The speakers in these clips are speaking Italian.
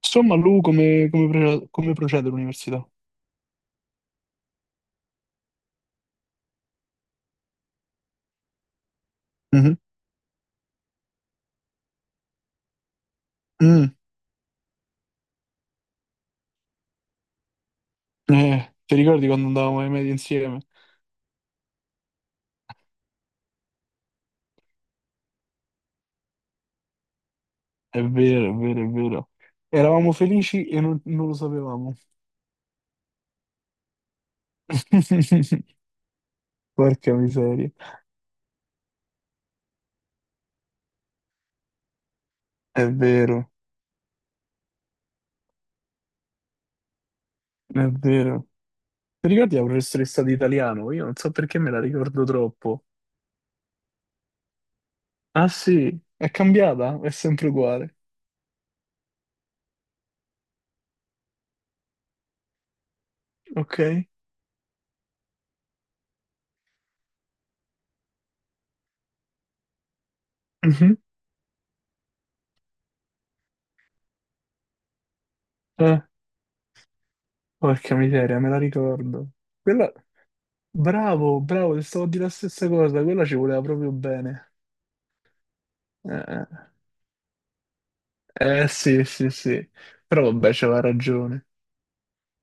Insomma, Lu, come procede l'università? Mhm. Mm. Ti ricordi quando andavamo ai medie insieme? È vero, è vero, è vero. Eravamo felici e non lo sapevamo. Porca miseria. È vero, è vero. Ti ricordi la professoressa di italiano? Io non so perché me la ricordo troppo. Ah sì, è cambiata? È sempre uguale. Ok. Mhm. Eh, porca miseria, me la ricordo. Quella... Bravo, bravo, ti stavo a dire la stessa cosa, quella ci voleva proprio bene. Eh, sì, sì, sì, però vabbè, c'aveva ragione.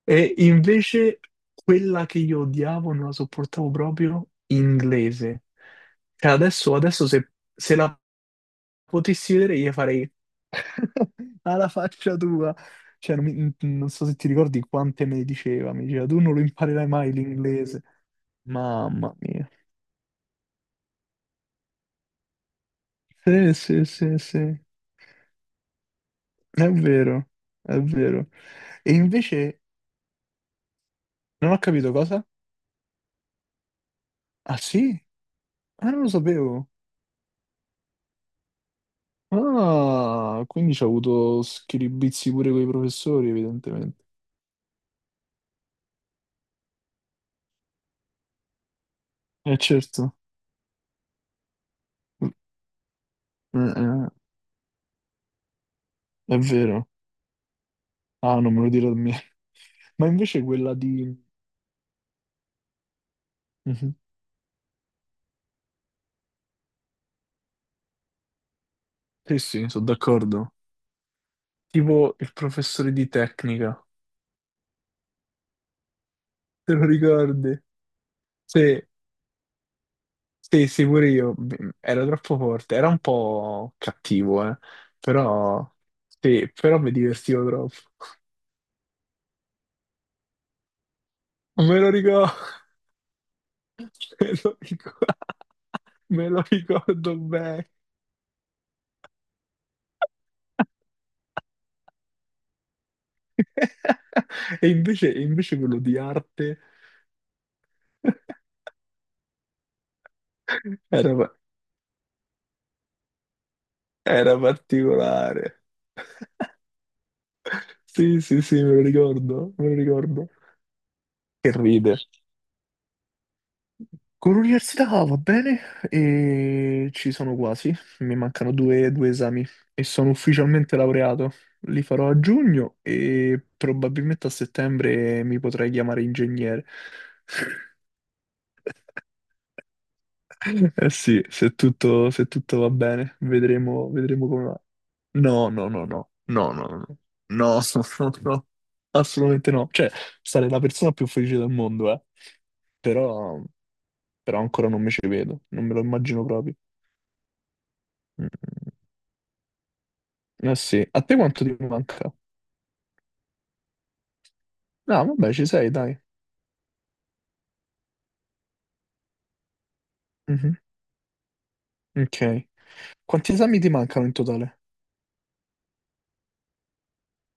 E invece quella che io odiavo, non la sopportavo proprio, inglese. Cioè adesso se la potessi vedere gli farei alla faccia tua. Non so se ti ricordi quante me ne diceva, mi diceva tu non lo imparerai mai l'inglese. Mamma mia. Sì, sì, sì, sì. È vero, è vero. E invece non ho capito cosa? Ah sì? Ah, non lo sapevo. Ah, quindi ci ha avuto schiribizi pure con i professori, evidentemente. Eh certo, mm, eh, è vero. Ah, non me lo dire a me. Ma invece quella di... Mhm. Sì, sì, sono d'accordo. Tipo il professore di tecnica, te lo ricordi? Sì, sì, sì, pure io. Mm, era troppo forte, era un po' cattivo, eh. Però, sì, però mi divertivo troppo. Me lo ricordo, me lo ricordo, me lo ricordo bene. E invece quello di arte era, pa- era particolare. Sì, sì, sì, me lo ricordo, me lo ricordo. Che ride. Con l'università va bene e ci sono quasi, mi mancano due esami e sono ufficialmente laureato. Li farò a giugno e probabilmente a settembre mi potrei chiamare ingegnere. Eh sì, se tutto va bene, vedremo, vedremo come va. No, no, no, no, no, no, no, no, no, no, assolutamente no. Cioè, sarei la persona più felice del mondo, eh. Però, però ancora non mi ci vedo, non me lo immagino proprio. Mm. Eh sì, a te quanto ti manca? No, vabbè, ci sei, dai. Mhm. Ok. Quanti esami ti mancano in totale?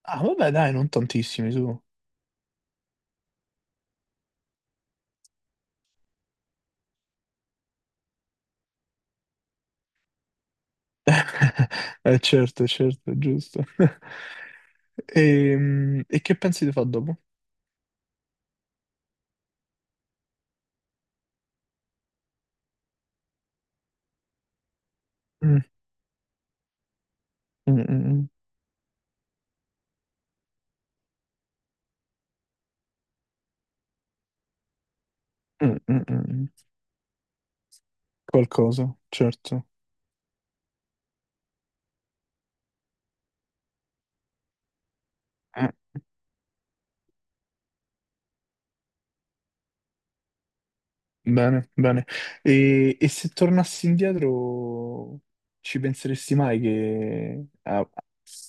Ah, vabbè, dai, non tantissimi, su. Eh certo, certo, giusto. Che pensi di fare dopo? Mm, mm, mm, mm, mm, mm, mm. Qualcosa, certo. Eh, bene, bene. E se tornassi indietro, ci penseresti mai che a-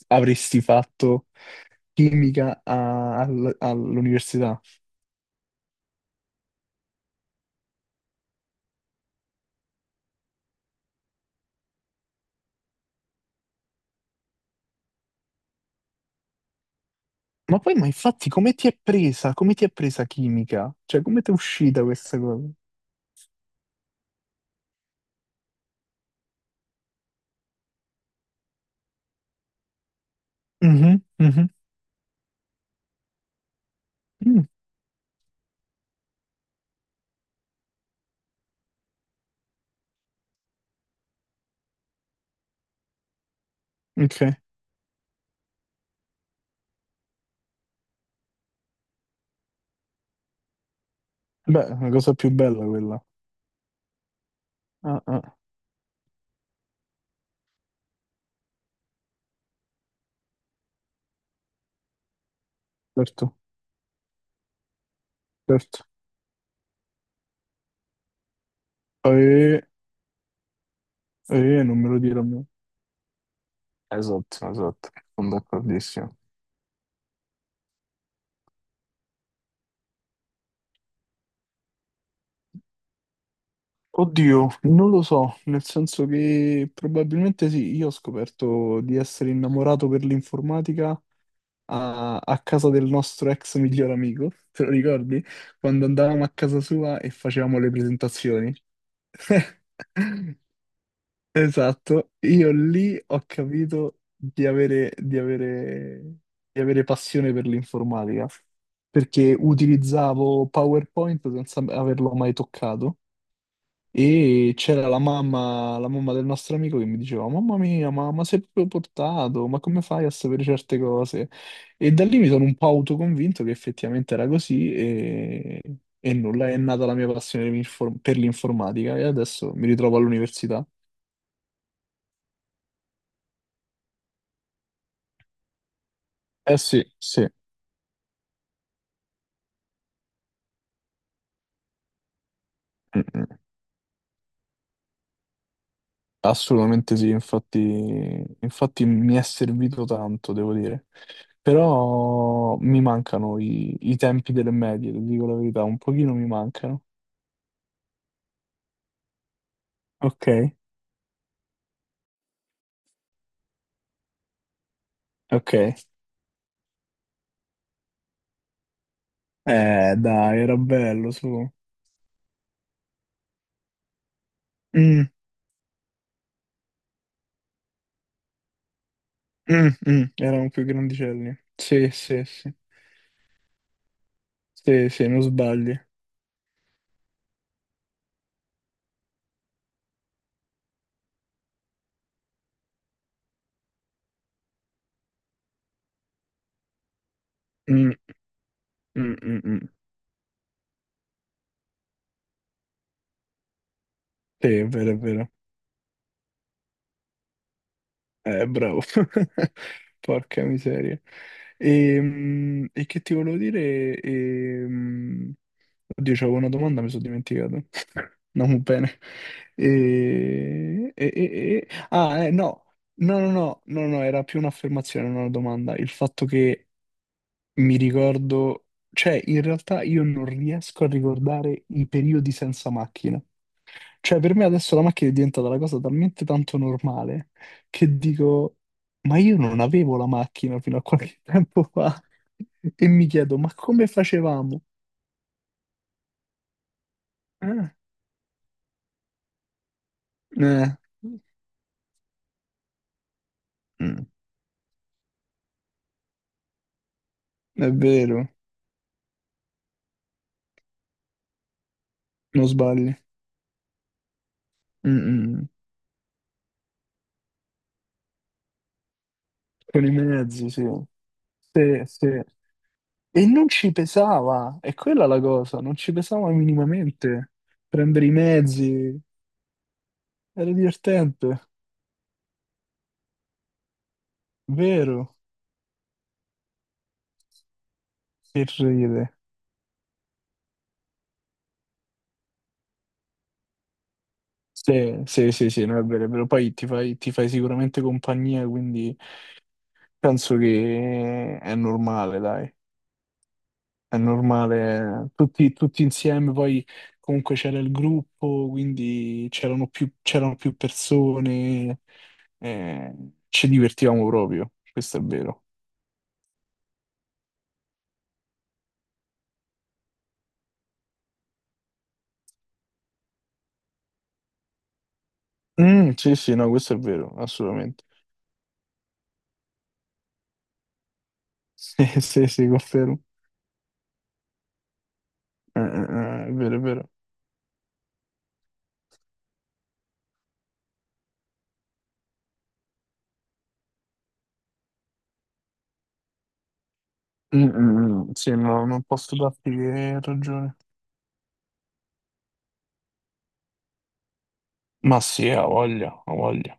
avresti fatto chimica all'università. Ma poi, ma infatti, come ti è presa? Come ti è presa chimica? Cioè, come ti è uscita questa cosa? Mhm, mhm, mm, ok. Beh, è una cosa più bella quella. Ah, ah, certo, certo. Eh, non me lo dire a me. Esatto, esatto, sono d'accordissimo. Oddio, non lo so, nel senso che probabilmente sì, io ho scoperto di essere innamorato per l'informatica a casa del nostro ex miglior amico, te lo ricordi? Quando andavamo a casa sua e facevamo le presentazioni. Esatto, io lì ho capito di avere passione per l'informatica, perché utilizzavo PowerPoint senza averlo mai toccato. E c'era la mamma del nostro amico che mi diceva: Mamma mia, ma sei proprio portato? Ma come fai a sapere certe cose? E da lì mi sono un po' autoconvinto che effettivamente era così, e nulla, è nata la mia passione per per l'informatica e adesso mi ritrovo all'università. Eh sì, sì, mm, mm, assolutamente sì, infatti, infatti mi è servito tanto, devo dire. Però mi mancano i tempi delle medie, ti dico la verità, un pochino mi mancano. Ok, ok. Dai, era bello su. Mm, mm, mm, erano più grandicelli. Sì, sì, sì. Sì, sì, non sbagli. Mm, mm, mm, mm. Sì, è vero, è vero. Bravo. Porca miseria. E che ti volevo dire? Mm, oddio, c'avevo una domanda, mi sono dimenticato. Non bene. E, e- e- Ah, no. No, no, no, no, no, era più un'affermazione, non una domanda. Il fatto che mi ricordo, cioè, in realtà io non riesco a ricordare i periodi senza macchina. Cioè, per me adesso la macchina è diventata una cosa talmente tanto normale che dico, ma io non avevo la macchina fino a qualche tempo fa. E mi chiedo, ma come facevamo? Eh, eh, mm, è vero, non sbagli. Mm, mm. Con i mezzi, sì. Sì, sì. E non ci pesava, è quella la cosa, non ci pesava minimamente. Prendere i mezzi, era divertente, vero? Che ride. Sì, sì, sì, sì, no, è vero, è vero. Poi ti fai sicuramente compagnia, quindi penso che è normale, dai, è normale. Tutti, tutti insieme, poi comunque c'era il gruppo, quindi c'erano più persone, eh, ci divertivamo proprio, questo è vero. Mm, sì, sì, no, questo è vero, assolutamente. Sì, sì, sì, confermo. È vero, è vero. Mm, mm, mm, sì, no, non posso darti che ragione. Ma sì, ha voglia, ha voglia.